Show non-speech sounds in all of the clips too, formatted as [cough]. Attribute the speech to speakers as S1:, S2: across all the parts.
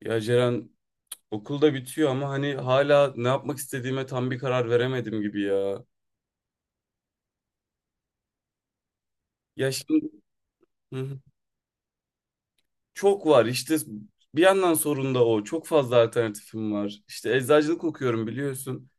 S1: Ya Ceren okulda bitiyor ama hani hala ne yapmak istediğime tam bir karar veremedim gibi ya. Ya şimdi. Hı hı. Çok var işte, bir yandan sorun da o. Çok fazla alternatifim var. İşte eczacılık okuyorum biliyorsun.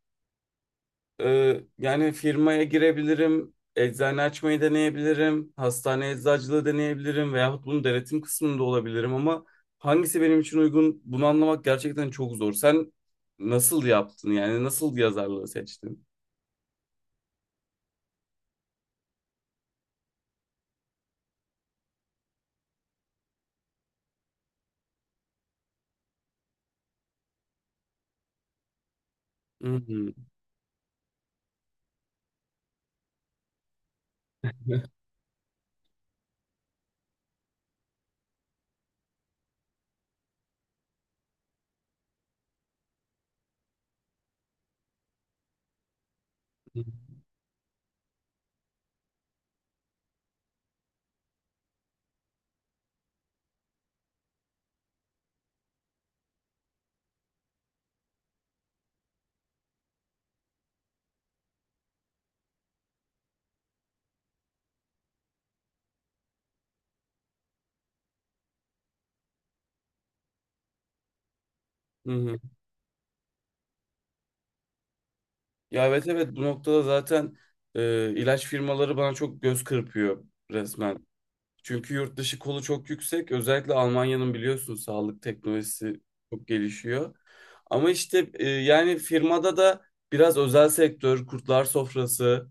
S1: Yani firmaya girebilirim. Eczane açmayı deneyebilirim. Hastane eczacılığı deneyebilirim. Veyahut bunun denetim kısmında olabilirim ama hangisi benim için uygun bunu anlamak gerçekten çok zor. Sen nasıl yaptın, yani nasıl yazarlığı seçtin? Hı hı. [laughs] Hı hı. Ya evet, evet, bu noktada zaten ilaç firmaları bana çok göz kırpıyor resmen. Çünkü yurt dışı kolu çok yüksek. Özellikle Almanya'nın biliyorsun sağlık teknolojisi çok gelişiyor. Ama işte yani firmada da biraz özel sektör, kurtlar sofrası.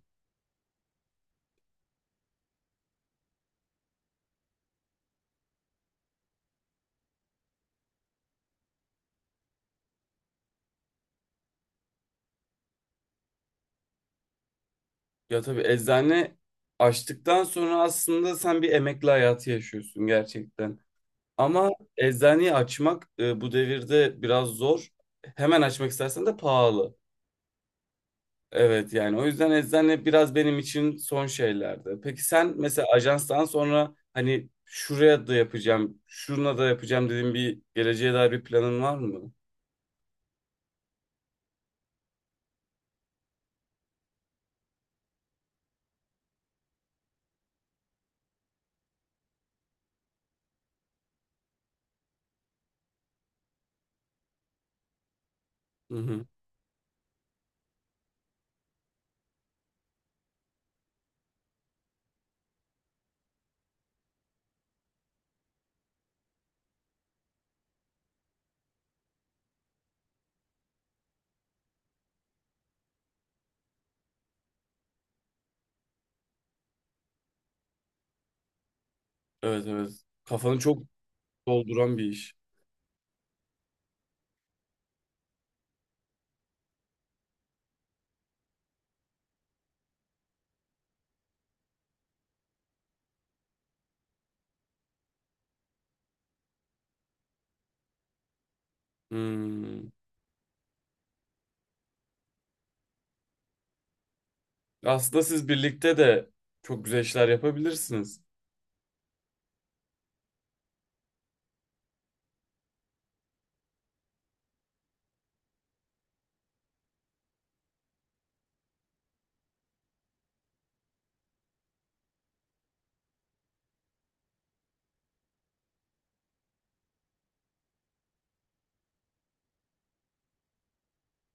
S1: Ya tabii eczane açtıktan sonra aslında sen bir emekli hayatı yaşıyorsun gerçekten. Ama eczaneyi açmak, bu devirde biraz zor. Hemen açmak istersen de pahalı. Evet yani o yüzden eczane biraz benim için son şeylerdi. Peki sen mesela ajanstan sonra hani şuraya da yapacağım, şuna da yapacağım dediğin bir geleceğe dair bir planın var mı? Hı hı. Evet, evet. Kafanı çok dolduran bir iş. Hmm. Aslında siz birlikte de çok güzel işler yapabilirsiniz.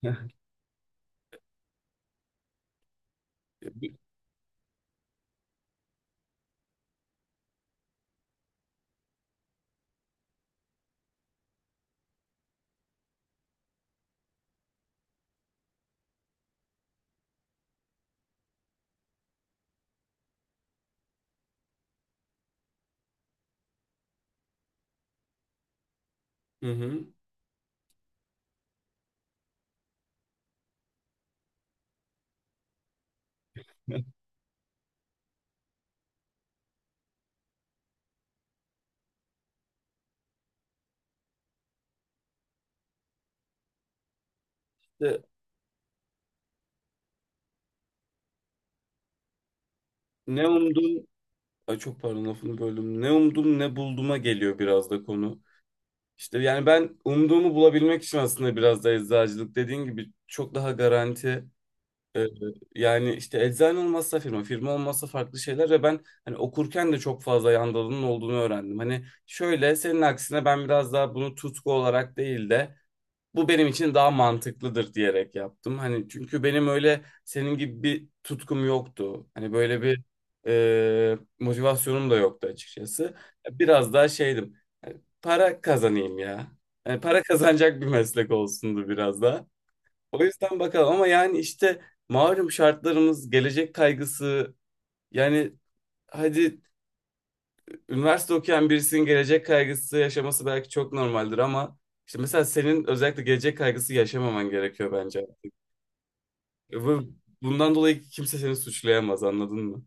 S1: [laughs] Hı hı. İşte ne umdum, ay çok pardon lafını böldüm. Ne umdum ne bulduğuma geliyor biraz da konu. İşte yani ben umduğumu bulabilmek için aslında biraz da eczacılık dediğin gibi çok daha garanti. Ee, Yani işte eczane olmazsa firma, firma olmazsa farklı şeyler ve ben hani okurken de çok fazla yandalının olduğunu öğrendim. Hani şöyle senin aksine ben biraz daha bunu tutku olarak değil de bu benim için daha mantıklıdır diyerek yaptım. Hani çünkü benim öyle senin gibi bir tutkum yoktu. Hani böyle bir motivasyonum da yoktu açıkçası. Biraz daha şeydim, para kazanayım ya. Yani para kazanacak bir meslek olsundu biraz da. O yüzden bakalım, ama yani işte malum şartlarımız, gelecek kaygısı, yani hadi üniversite okuyan birisinin gelecek kaygısı yaşaması belki çok normaldir ama işte mesela senin özellikle gelecek kaygısı yaşamaman gerekiyor bence. E, Bu- Bundan dolayı kimse seni suçlayamaz, anladın mı?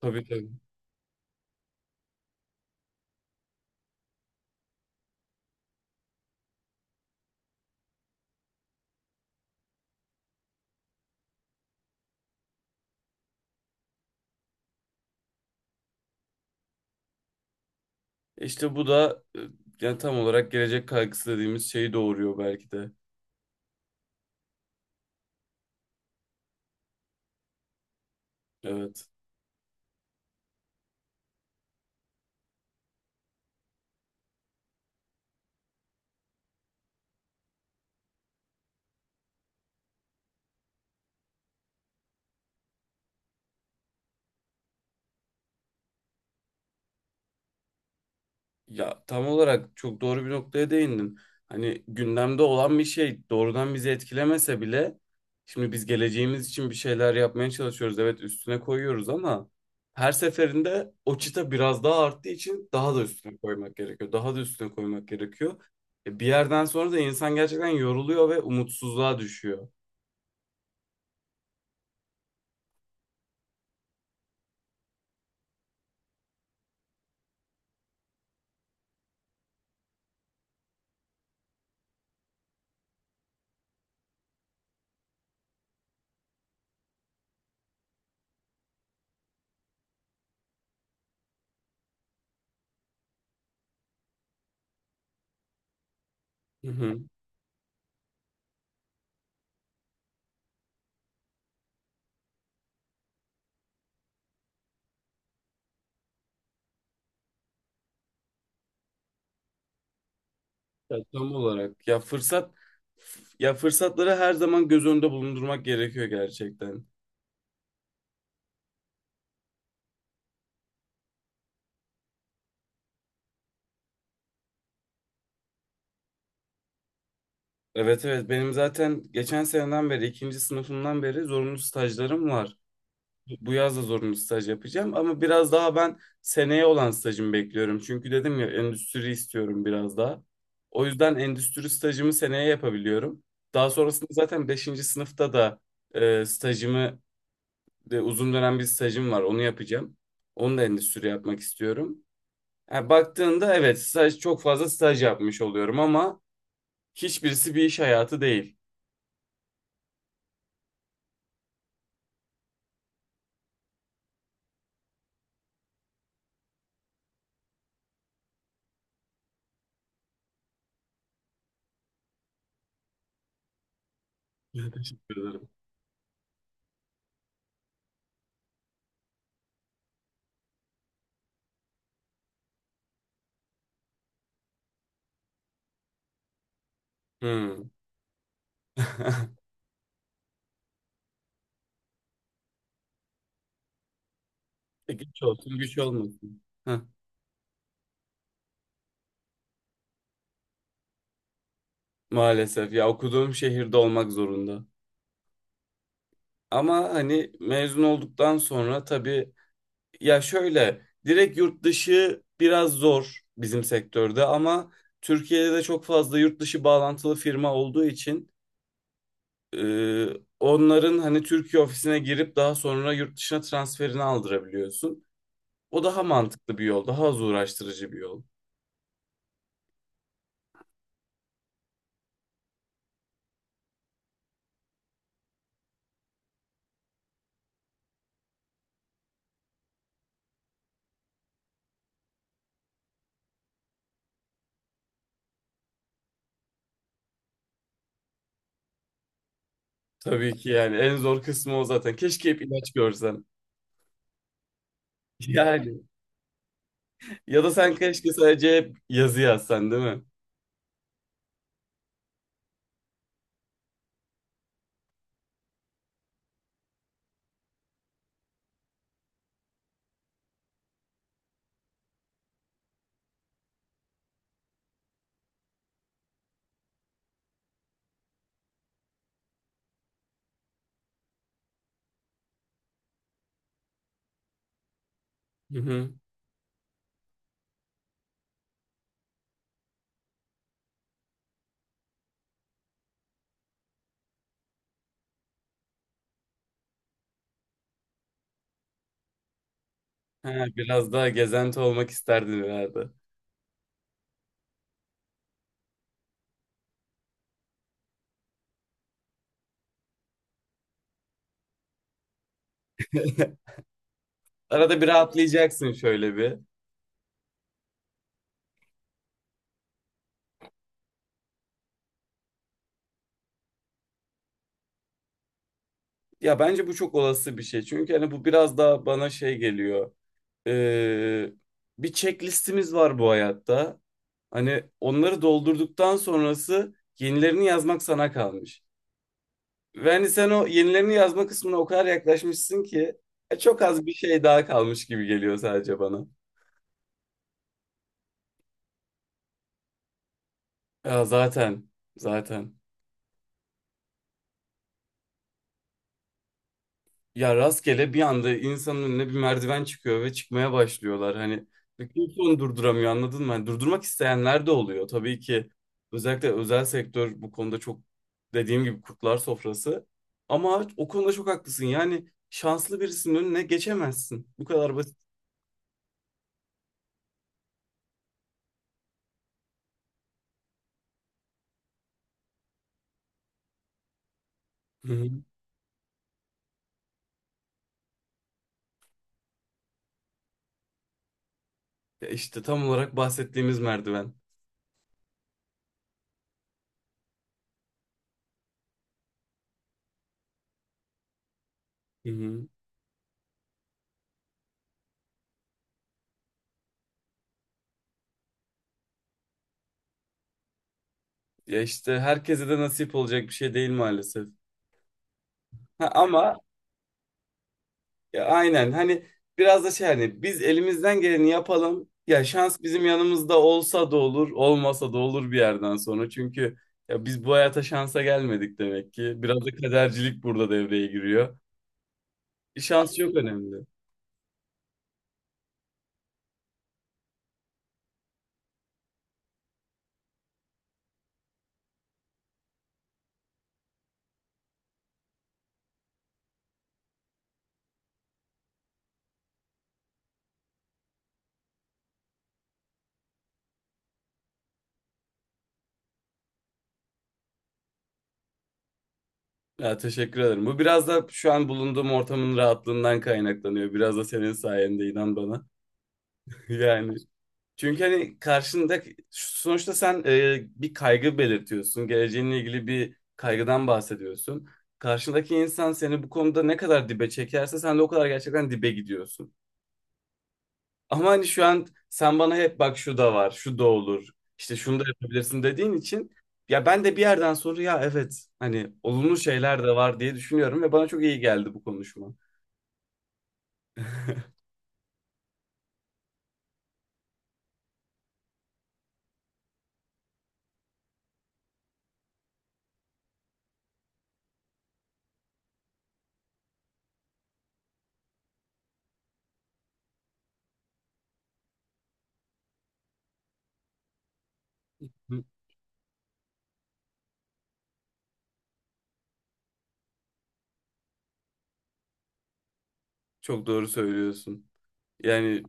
S1: Tabii, tabii. İşte bu da, yani tam olarak gelecek kaygısı dediğimiz şeyi doğuruyor belki de. Evet. Ya tam olarak çok doğru bir noktaya değindin. Hani gündemde olan bir şey doğrudan bizi etkilemese bile şimdi biz geleceğimiz için bir şeyler yapmaya çalışıyoruz. Evet üstüne koyuyoruz ama her seferinde o çıta biraz daha arttığı için daha da üstüne koymak gerekiyor. Daha da üstüne koymak gerekiyor. Bir yerden sonra da insan gerçekten yoruluyor ve umutsuzluğa düşüyor. Hı hı. Ya tam olarak ya fırsat ya fırsatları her zaman göz önünde bulundurmak gerekiyor gerçekten. Evet, evet, benim zaten geçen seneden beri, ikinci sınıfımdan beri zorunlu stajlarım var. Bu yaz da zorunlu staj yapacağım ama biraz daha ben seneye olan stajımı bekliyorum. Çünkü dedim ya endüstri istiyorum biraz daha. O yüzden endüstri stajımı seneye yapabiliyorum. Daha sonrasında zaten beşinci sınıfta da stajımı, uzun dönem bir stajım var, onu yapacağım. Onu da endüstri yapmak istiyorum. Yani baktığında evet staj, çok fazla staj yapmış oluyorum ama hiçbirisi bir iş hayatı değil. [laughs] Teşekkür ederim. Hmm. [laughs] Güç olsun, güç olmasın. Heh, maalesef ya, okuduğum şehirde olmak zorunda. Ama hani mezun olduktan sonra tabii, ya şöyle direkt yurt dışı biraz zor bizim sektörde ama Türkiye'de de çok fazla yurt dışı bağlantılı firma olduğu için e, onların hani Türkiye ofisine girip daha sonra yurt dışına transferini aldırabiliyorsun. O daha mantıklı bir yol, daha az uğraştırıcı bir yol. Tabii ki yani en zor kısmı o zaten. Keşke hep ilaç görsem. Yani ya da sen keşke sadece yazı yazsan, değil mi? Hı hı. Ha, biraz daha gezenti olmak isterdin herhalde. [laughs] Arada bir rahatlayacaksın şöyle bir. Ya bence bu çok olası bir şey. Çünkü hani bu biraz daha bana şey geliyor. Ee, Bir checklistimiz var bu hayatta. Hani onları doldurduktan sonrası yenilerini yazmak sana kalmış. Ve hani sen o yenilerini yazma kısmına o kadar yaklaşmışsın ki çok az bir şey daha kalmış gibi geliyor sadece bana. Ya zaten, ya rastgele bir anda insanın önüne bir merdiven çıkıyor ve çıkmaya başlıyorlar. Hani ve kimse onu durduramıyor, anladın mı? Hani durdurmak isteyenler de oluyor. Tabii ki özellikle özel sektör bu konuda çok, dediğim gibi, kurtlar sofrası. Ama o konuda çok haklısın. Yani şanslı birisinin önüne geçemezsin. Bu kadar basit. Hı hı. Ya işte tam olarak bahsettiğimiz merdiven. Hı hı. Ya işte herkese de nasip olacak bir şey değil maalesef. Ha, ama ya aynen, hani biraz da şey, hani biz elimizden geleni yapalım. Ya şans bizim yanımızda olsa da olur, olmasa da olur bir yerden sonra. Çünkü ya biz bu hayata şansa gelmedik demek ki. Biraz da kadercilik burada devreye giriyor. Şans çok önemli. Ya teşekkür ederim. Bu biraz da şu an bulunduğum ortamın rahatlığından kaynaklanıyor. Biraz da senin sayende, inan bana. [laughs] Yani çünkü hani karşında, sonuçta sen bir kaygı belirtiyorsun. Geleceğinle ilgili bir kaygıdan bahsediyorsun. Karşındaki insan seni bu konuda ne kadar dibe çekerse sen de o kadar gerçekten dibe gidiyorsun. Ama hani şu an sen bana hep bak şu da var, şu da olur, işte şunu da yapabilirsin dediğin için ya ben de bir yerden sonra ya evet hani olumlu şeyler de var diye düşünüyorum ve bana çok iyi geldi bu konuşma. [laughs] Çok doğru söylüyorsun. Yani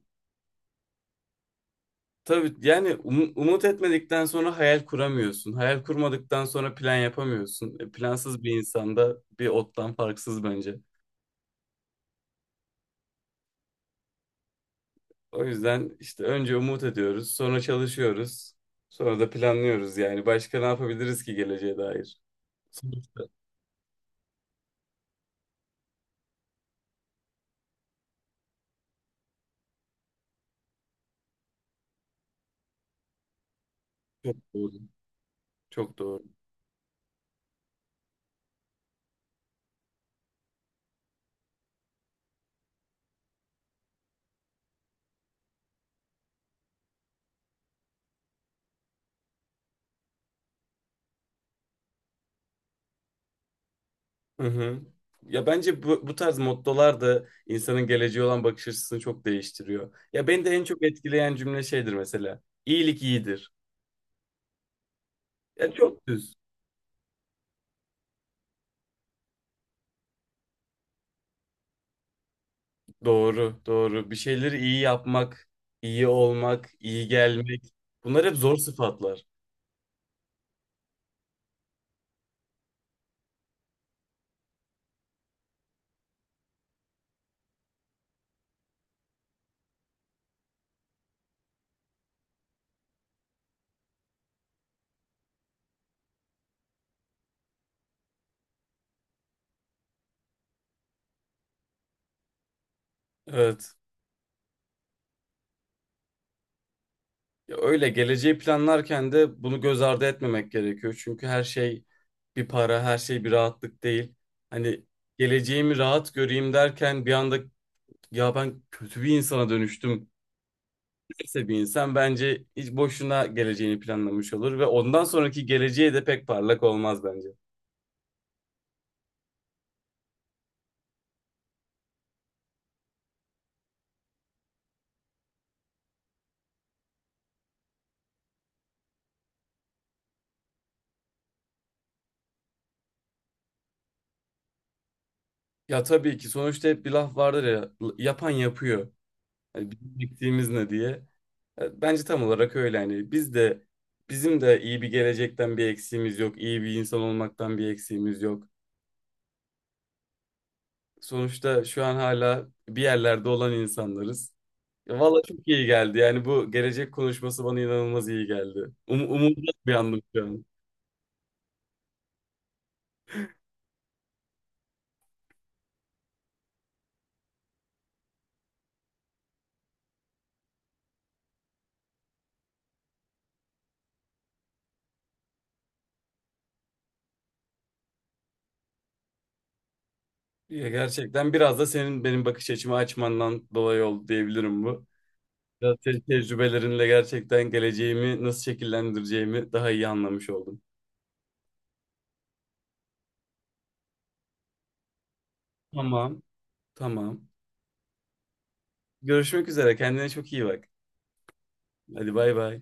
S1: tabii yani umut etmedikten sonra hayal kuramıyorsun. Hayal kurmadıktan sonra plan yapamıyorsun. E, plansız bir insanda bir ottan farksız bence. O yüzden işte önce umut ediyoruz, sonra çalışıyoruz, sonra da planlıyoruz yani. Başka ne yapabiliriz ki geleceğe dair? Sonuçta çok doğru. Çok doğru. Hı hı. Ya bence bu tarz mottolar da insanın geleceğe olan bakış açısını çok değiştiriyor. Ya beni de en çok etkileyen cümle şeydir mesela. İyilik iyidir. Ya çok düz. Doğru, doğru. Bir şeyleri iyi yapmak, iyi olmak, iyi gelmek. Bunlar hep zor sıfatlar. Evet. Ya öyle geleceği planlarken de bunu göz ardı etmemek gerekiyor. Çünkü her şey bir para, her şey bir rahatlık değil. Hani geleceğimi rahat göreyim derken bir anda ya ben kötü bir insana dönüştüm. Neyse, bir insan bence hiç boşuna geleceğini planlamış olur ve ondan sonraki geleceği de pek parlak olmaz bence. Ya tabii ki sonuçta hep bir laf vardır ya, yapan yapıyor. Hani bizim eksiğimiz ne diye. E, bence tam olarak öyle, yani bizim de iyi bir gelecekten bir eksiğimiz yok. İyi bir insan olmaktan bir eksiğimiz yok. Sonuçta şu an hala bir yerlerde olan insanlarız. E, valla çok iyi geldi. Yani bu gelecek konuşması bana inanılmaz iyi geldi. Umutlu uyandım şu an. Ya gerçekten biraz da senin benim bakış açımı açmandan dolayı oldu diyebilirim bu. Biraz tecrübelerinle gerçekten geleceğimi nasıl şekillendireceğimi daha iyi anlamış oldum. Tamam, tamam. Görüşmek üzere. Kendine çok iyi bak. Hadi bay bay.